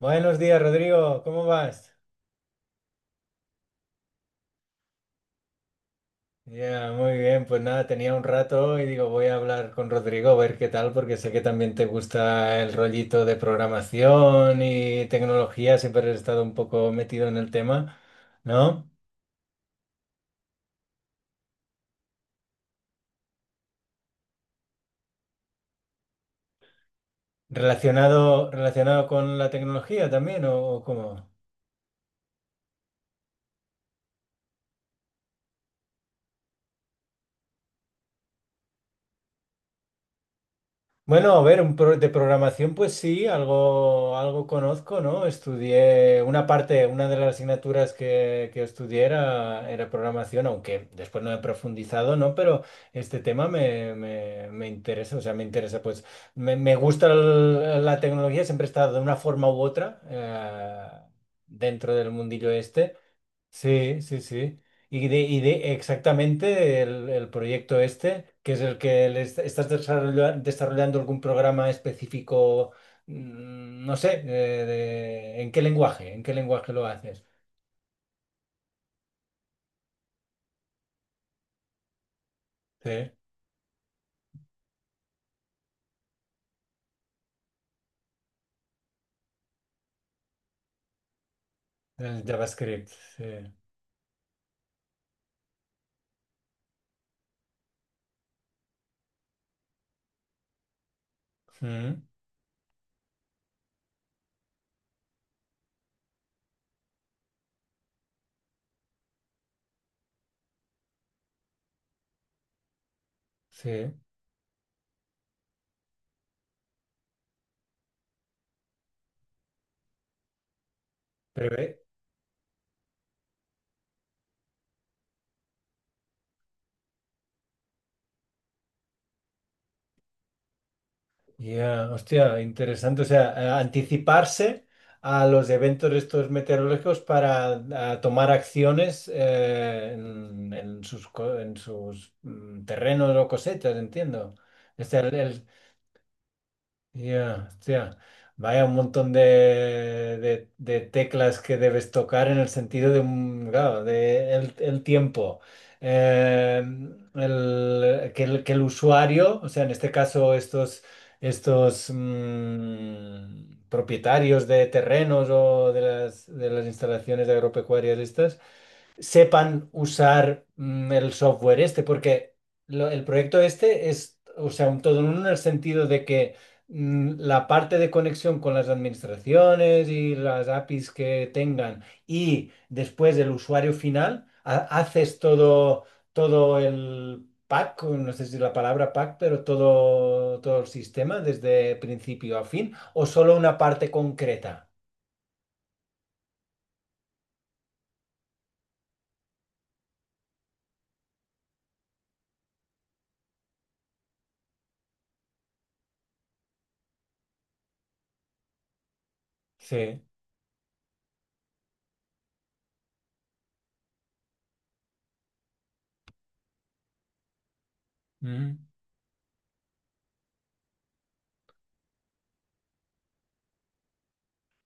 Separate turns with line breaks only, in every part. Buenos días, Rodrigo, ¿cómo vas? Ya, muy bien, pues nada, tenía un rato y digo, voy a hablar con Rodrigo a ver qué tal, porque sé que también te gusta el rollito de programación y tecnología, siempre has estado un poco metido en el tema, ¿no? ¿Relacionado, relacionado con la tecnología también o cómo? Bueno, a ver, de programación, pues sí, algo, algo conozco, ¿no? Estudié una parte, una de las asignaturas que estudié era programación, aunque después no he profundizado, ¿no? Pero este tema me interesa, o sea, me interesa, pues me gusta la tecnología, siempre he estado de una forma u otra dentro del mundillo este. Sí, sí, sí. Y de exactamente el proyecto este, que es el que le est- estás desarrolla- desarrollando algún programa específico, no sé, ¿en qué lenguaje? ¿En qué lenguaje lo haces? Sí, en JavaScript. Sí. Mm, sí. Ya, hostia, interesante. O sea, anticiparse a los eventos estos meteorológicos para a tomar acciones en, en sus terrenos o cosechas, entiendo. Este, el Ya, hostia. Vaya, un montón de, de teclas que debes tocar en el sentido de, claro, de el tiempo. Eh, que el usuario, o sea, en este caso estos, estos propietarios de terrenos o de las instalaciones agropecuarias estas, sepan usar el software este, porque el proyecto este es, o sea, un todo en uno en el sentido de que la parte de conexión con las administraciones y las APIs que tengan y después el usuario final, haces todo, todo el pack, o no sé si es la palabra pack, pero todo, todo el sistema desde principio a fin, o solo una parte concreta. Sí.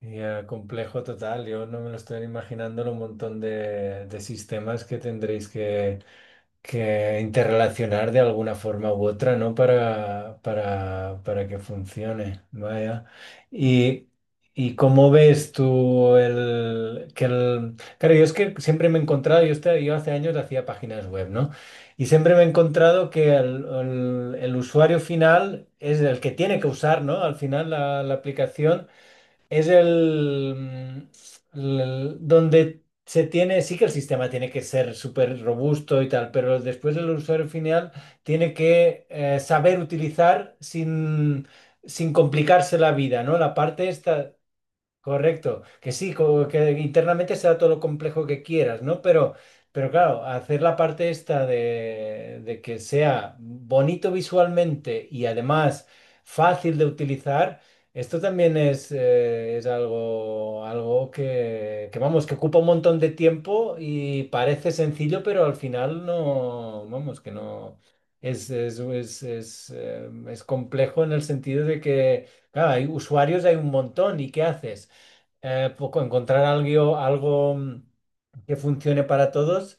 Ya, complejo total. Yo no me lo estoy imaginando lo montón de sistemas que tendréis que interrelacionar de alguna forma u otra, ¿no? Para que funcione. Vaya. Y, y cómo ves tú que el... Claro, yo es que siempre me he encontrado, yo, yo hace años hacía páginas web, ¿no? Y siempre me he encontrado que el usuario final es el que tiene que usar, ¿no? Al final la la aplicación. Es donde se tiene, sí que el sistema tiene que ser súper robusto y tal, pero después el usuario final tiene que saber utilizar sin complicarse la vida, ¿no? La parte esta. Correcto, que sí, que internamente sea todo lo complejo que quieras, ¿no? Pero claro, hacer la parte esta de que sea bonito visualmente y además fácil de utilizar, esto también es algo, algo que, vamos, que ocupa un montón de tiempo y parece sencillo, pero al final no, vamos, que no, es complejo en el sentido de que, claro, hay usuarios, hay un montón, ¿y qué haces? Encontrar algo, algo que funcione para todos.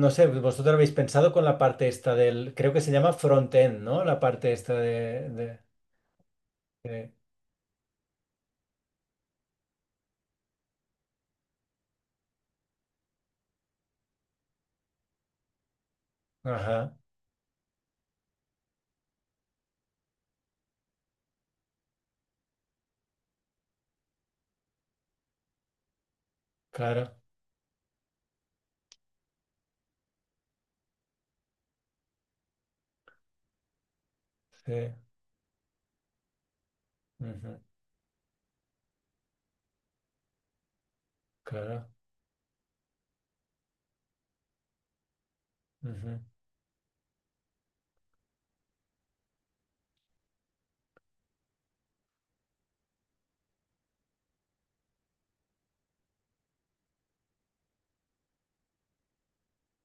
No sé, vosotros habéis pensado con la parte esta del, creo que se llama front-end, ¿no? La parte esta de- Ajá, claro, sí, ujú, claro, ujú,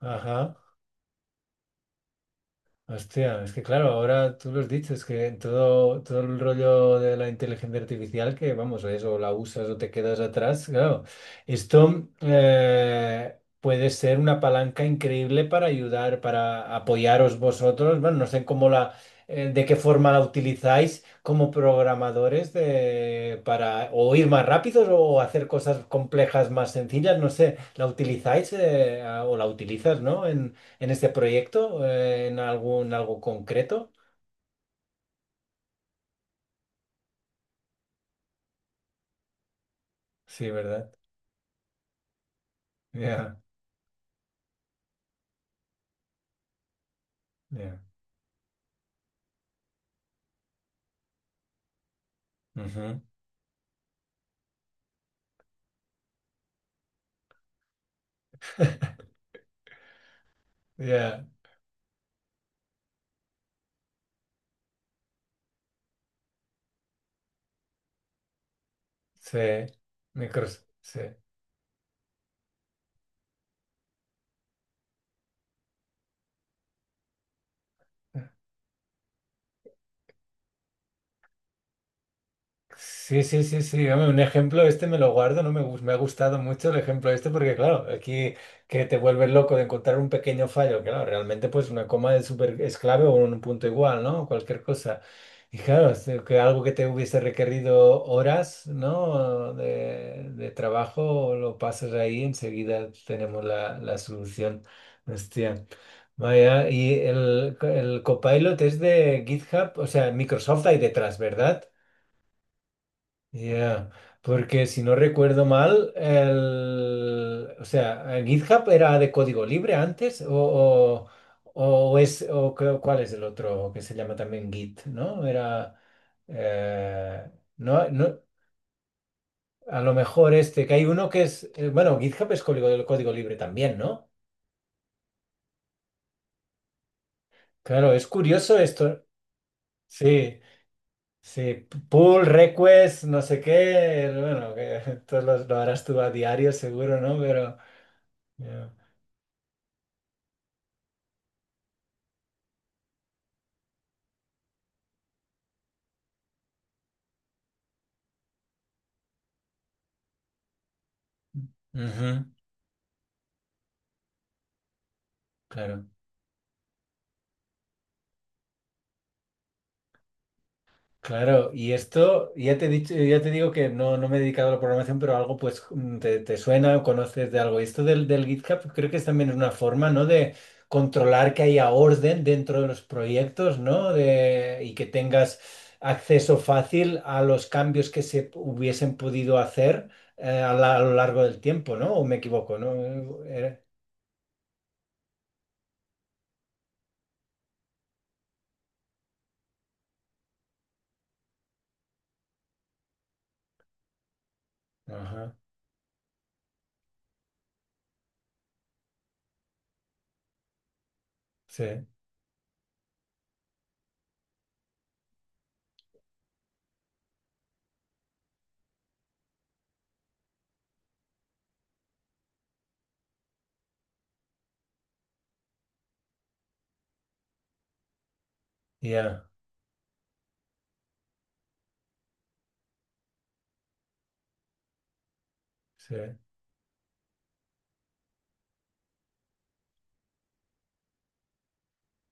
ajá. Hostia, es que claro, ahora tú lo has dicho, es que todo, todo el rollo de la inteligencia artificial, que vamos, es o la usas o te quedas atrás, claro, esto puede ser una palanca increíble para ayudar, para apoyaros vosotros, bueno, no sé cómo de qué forma la utilizáis como programadores de, para o ir más rápidos o hacer cosas complejas más sencillas, no sé, la utilizáis o la utilizas, ¿no? En este proyecto, en algún algo concreto. Sí, ¿verdad? Ya, ya. Ujú. Ya, sí. Micros, sí. Sí, sí, sí, sí. Hombre, un ejemplo este me lo guardo, no me, me ha gustado mucho el ejemplo este porque, claro, aquí que te vuelves loco de encontrar un pequeño fallo, claro, realmente pues una coma es súper es clave o un punto igual, ¿no? Cualquier cosa. Y claro, es de que algo que te hubiese requerido horas, ¿no? De trabajo, lo pasas ahí, enseguida tenemos la solución. Hostia. Vaya, y el Copilot es de GitHub, o sea, Microsoft hay detrás, ¿verdad? Ya, porque si no recuerdo mal, el, o sea, el GitHub era de código libre antes o es, cuál es el otro que se llama también Git, ¿no? Era, eh, no, no, a lo mejor este, que hay uno que es, bueno, GitHub es código, código libre también, ¿no? Claro, es curioso esto. Sí, sí, pull, request, no sé qué, bueno, que tú lo harás tú a diario seguro, ¿no? Pero... Ujú, claro, claro. Y esto, ya te he dicho, ya te digo que no, no me he dedicado a la programación, pero algo pues te, te suena o conoces de algo. Y esto del GitHub creo que es también una forma, ¿no? De controlar que haya orden dentro de los proyectos, ¿no? De, y que tengas acceso fácil a los cambios que se hubiesen podido hacer a lo largo del tiempo, ¿no? ¿O me equivoco, ¿no? Ajá, sí, ya, sí.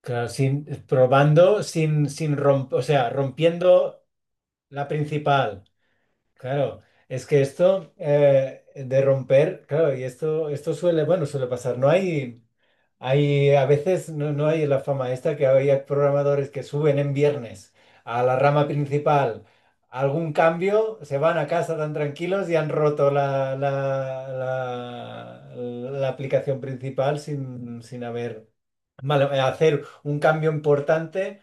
Claro, sin, probando sin, sin romper, o sea, rompiendo la principal. Claro, es que esto de romper, claro, y esto suele, bueno, suele pasar. No hay, hay, a veces no, no hay la fama esta que había programadores que suben en viernes a la rama principal algún cambio, se van a casa tan tranquilos y han roto la aplicación principal sin haber vale, hacer un cambio importante,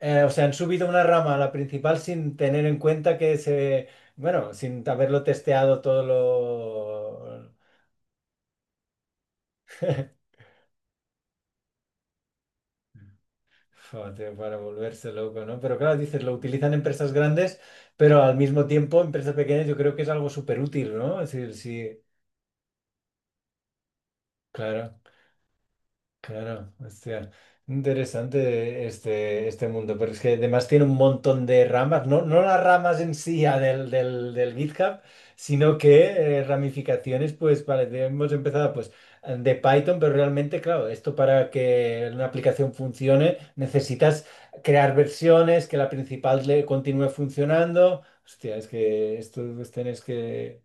o sea, han subido una rama a la principal sin tener en cuenta que se, bueno, sin haberlo testeado todo lo... Joder, para volverse loco, ¿no? Pero claro, dices, lo utilizan empresas grandes, pero al mismo tiempo empresas pequeñas yo creo que es algo súper útil, ¿no? Es decir, sí, claro. Claro, hostia, interesante este, este mundo, pero es que además tiene un montón de ramas, no, no las ramas en sí ya del GitHub, sino que ramificaciones, pues vale, hemos empezado pues de Python, pero realmente, claro, esto para que una aplicación funcione necesitas crear versiones, que la principal le continúe funcionando. Hostia, es que esto pues, tenés que...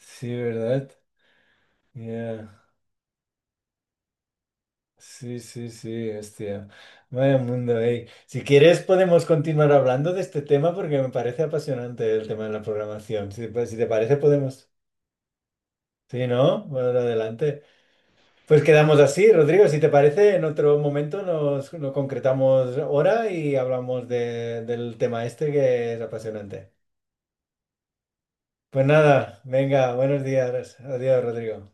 Sí, ¿verdad? Ya. Sí, sí, sí, hostia. Vaya mundo, ey. Si quieres podemos continuar hablando de este tema porque me parece apasionante el tema de la programación. Si, pues, si te parece podemos... Sí, ¿no? Bueno, adelante. Pues quedamos así, Rodrigo. Si te parece, en otro momento nos, nos concretamos hora y hablamos del tema este que es apasionante. Pues nada, venga, buenos días. Adiós, Rodrigo.